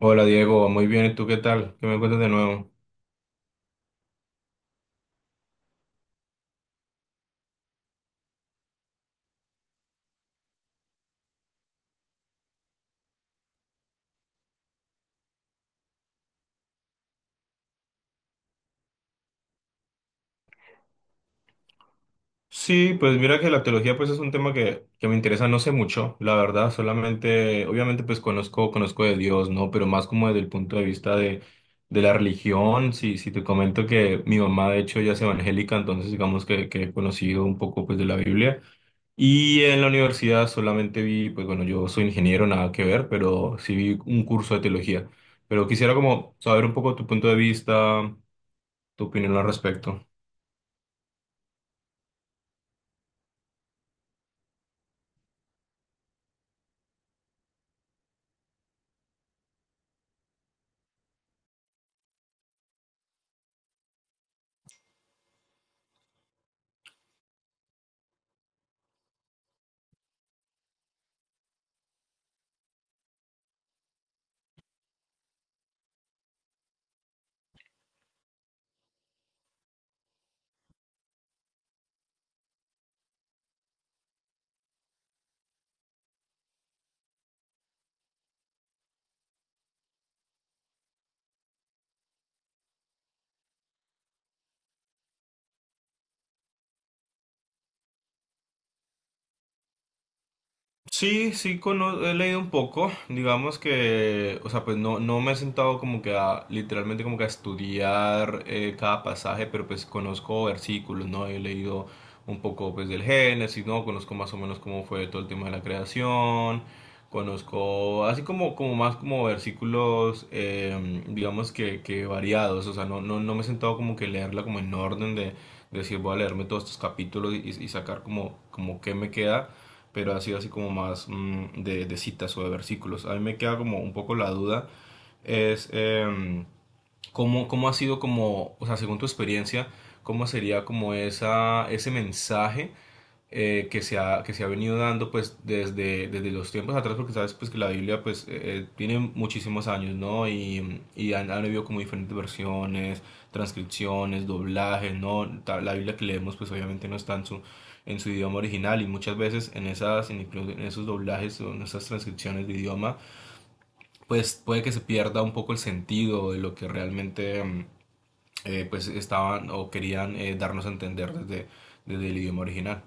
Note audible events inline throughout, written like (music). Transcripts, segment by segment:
Hola Diego, muy bien, ¿y tú qué tal? ¿Qué me cuentas de nuevo? Sí, pues mira que la teología pues es un tema que me interesa no sé mucho, la verdad. Solamente, obviamente, pues conozco, conozco de Dios, ¿no? Pero más como desde el punto de vista de la religión. Si, si te comento que mi mamá de hecho ya es evangélica, entonces digamos que he conocido un poco pues de la Biblia. Y en la universidad solamente vi, pues bueno, yo soy ingeniero, nada que ver, pero sí vi un curso de teología. Pero quisiera como saber un poco tu punto de vista, tu opinión al respecto. Sí, sí, he leído un poco. Digamos que, o sea, pues no, no me he sentado como que a, literalmente como que a estudiar cada pasaje, pero pues conozco versículos, ¿no? He leído un poco pues del Génesis, ¿no? Conozco más o menos cómo fue todo el tema de la creación, conozco así como, como más como versículos, digamos que variados. O sea, no, no, no me he sentado como que leerla como en orden de decir voy a leerme todos estos capítulos y sacar como, como qué me queda, pero ha sido así como más mm, de citas o de versículos. A mí me queda como un poco la duda, es ¿cómo, cómo ha sido como, o sea, según tu experiencia, cómo sería como esa, ese mensaje que se ha venido dando pues desde, desde los tiempos atrás? Porque sabes pues que la Biblia pues tiene muchísimos años, ¿no? Y han, han habido como diferentes versiones, transcripciones, doblajes, ¿no? La Biblia que leemos pues obviamente no está en su idioma original, y muchas veces en esas, en incluso en esos doblajes o en esas transcripciones de idioma pues puede que se pierda un poco el sentido de lo que realmente mm, pues estaban o querían darnos a entender desde, desde el idioma original.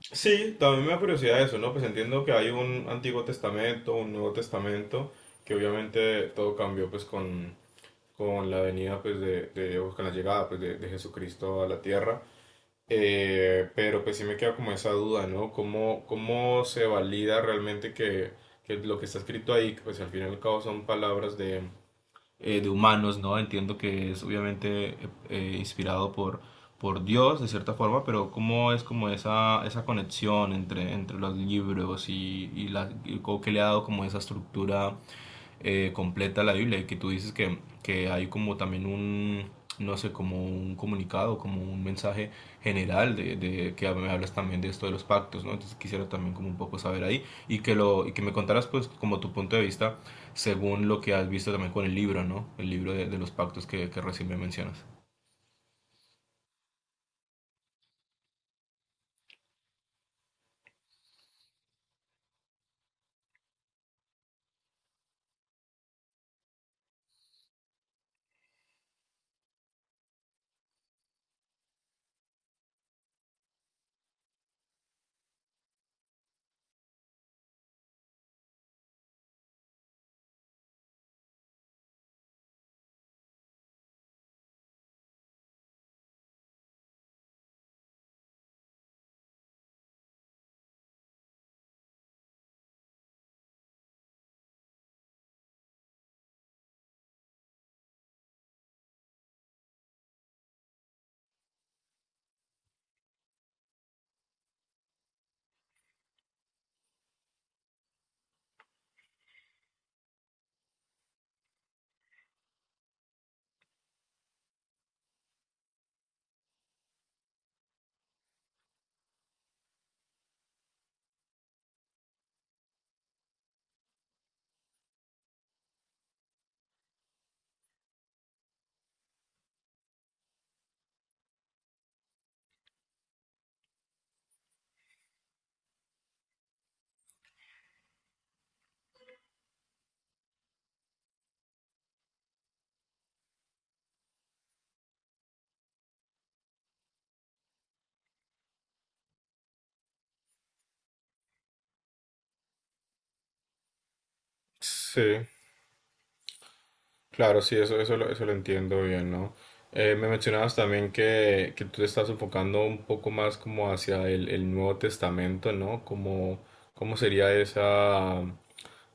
Sí, también me da curiosidad eso, ¿no? Pues entiendo que hay un Antiguo Testamento, un Nuevo Testamento, que obviamente todo cambió pues con la venida pues de, o con la llegada pues de Jesucristo a la tierra. Pero pues sí me queda como esa duda, ¿no? ¿Cómo, cómo se valida realmente que lo que está escrito ahí, pues al fin y al cabo son palabras de humanos, ¿no? Entiendo que es obviamente inspirado por Dios, de cierta forma, pero ¿cómo es como esa conexión entre, entre los libros y, la, y cómo que le ha dado como esa estructura completa la Biblia, y que tú dices que hay como también un, no sé, como un comunicado, como un mensaje general de que me hablas también de esto de los pactos, ¿no? Entonces quisiera también como un poco saber ahí y que lo y que me contaras pues como tu punto de vista según lo que has visto también con el libro, ¿no? El libro de los pactos que recién me mencionas. Sí. Claro, sí, eso, eso lo entiendo bien, ¿no? Me mencionabas también que tú te estás enfocando un poco más como hacia el Nuevo Testamento, ¿no? Como, ¿cómo sería esa,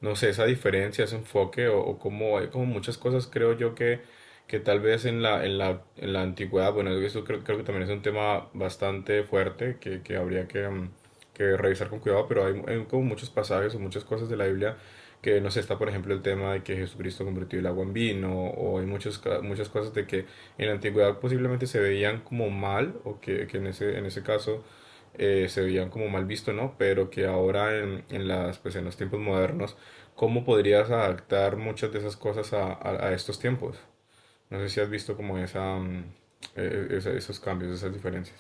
no sé, esa diferencia, ese enfoque? O como hay como muchas cosas, creo yo, que tal vez en la, en la, en la antigüedad, bueno, eso creo, creo que también es un tema bastante fuerte que habría que, mm, que revisar con cuidado, pero hay como muchos pasajes o muchas cosas de la Biblia que no sé, está por ejemplo el tema de que Jesucristo convirtió el agua en vino, o hay muchos, muchas cosas de que en la antigüedad posiblemente se veían como mal, o que en ese caso se veían como mal visto, ¿no? Pero que ahora en las, pues en los tiempos modernos, ¿cómo podrías adaptar muchas de esas cosas a, a estos tiempos? No sé si has visto como esa, mm, esos cambios, esas diferencias.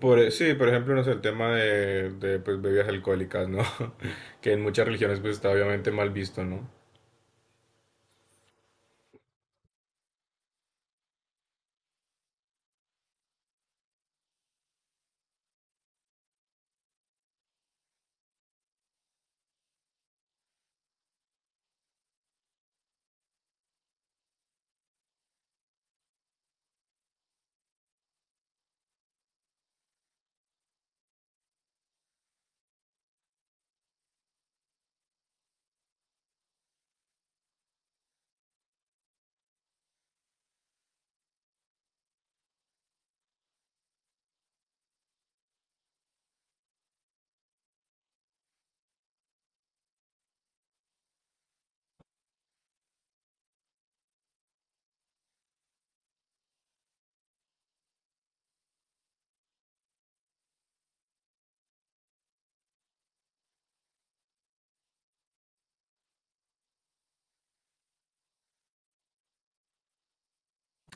Por, e, sí, por ejemplo, no sé, el tema de, pues, bebidas alcohólicas, ¿no? (laughs) Que en muchas religiones pues está obviamente mal visto, ¿no?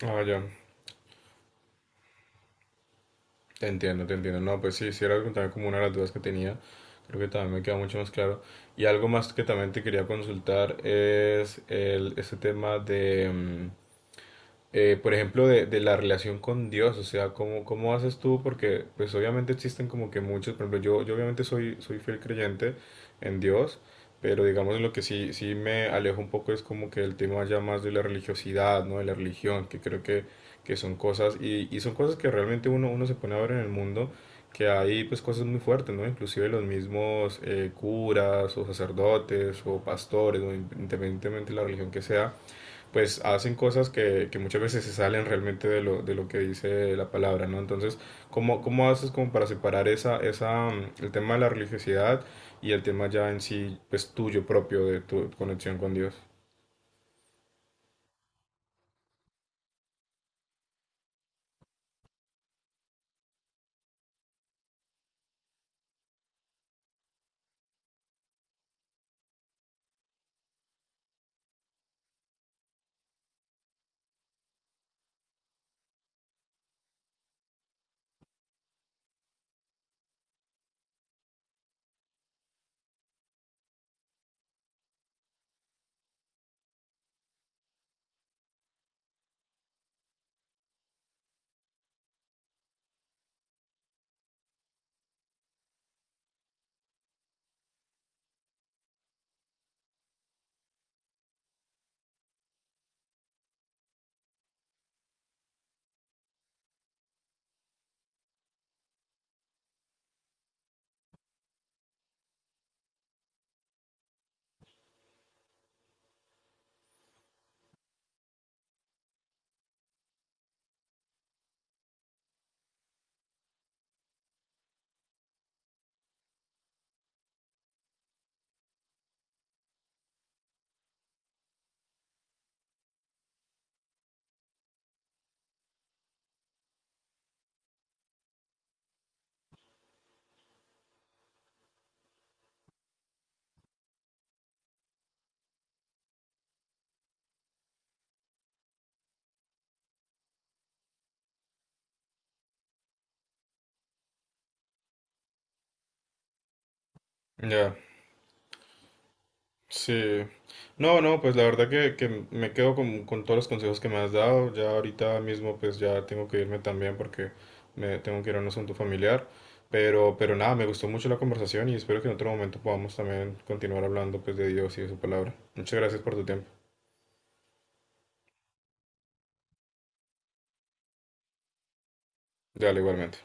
Ah, ya, te entiendo, te entiendo. No, pues sí, sí era también como una de las dudas que tenía. Creo que también me queda mucho más claro. Y algo más que también te quería consultar es el, ese tema de, mm, por ejemplo, de la relación con Dios, o sea, ¿cómo, cómo haces tú? Porque pues obviamente existen como que muchos, por ejemplo, yo obviamente soy, soy fiel creyente en Dios, pero digamos lo que sí, sí me alejo un poco es como que el tema ya más de la religiosidad, ¿no? De la religión, que creo que son cosas, y son cosas que realmente uno, uno se pone a ver en el mundo, que hay pues cosas muy fuertes, ¿no? Inclusive los mismos curas o sacerdotes o pastores, o independientemente de la religión que sea pues hacen cosas que muchas veces se salen realmente de lo que dice la palabra, ¿no? Entonces, ¿cómo, cómo haces como para separar esa, esa, mm, el tema de la religiosidad y el tema ya en sí, pues tuyo propio, de tu conexión con Dios? Ya. Sí. No, no, pues la verdad que me quedo con todos los consejos que me has dado. Ya ahorita mismo pues ya tengo que irme también porque me tengo que ir a un asunto familiar. Pero nada, me gustó mucho la conversación y espero que en otro momento podamos también continuar hablando pues de Dios y de su palabra. Muchas gracias por tu tiempo. Dale, igualmente.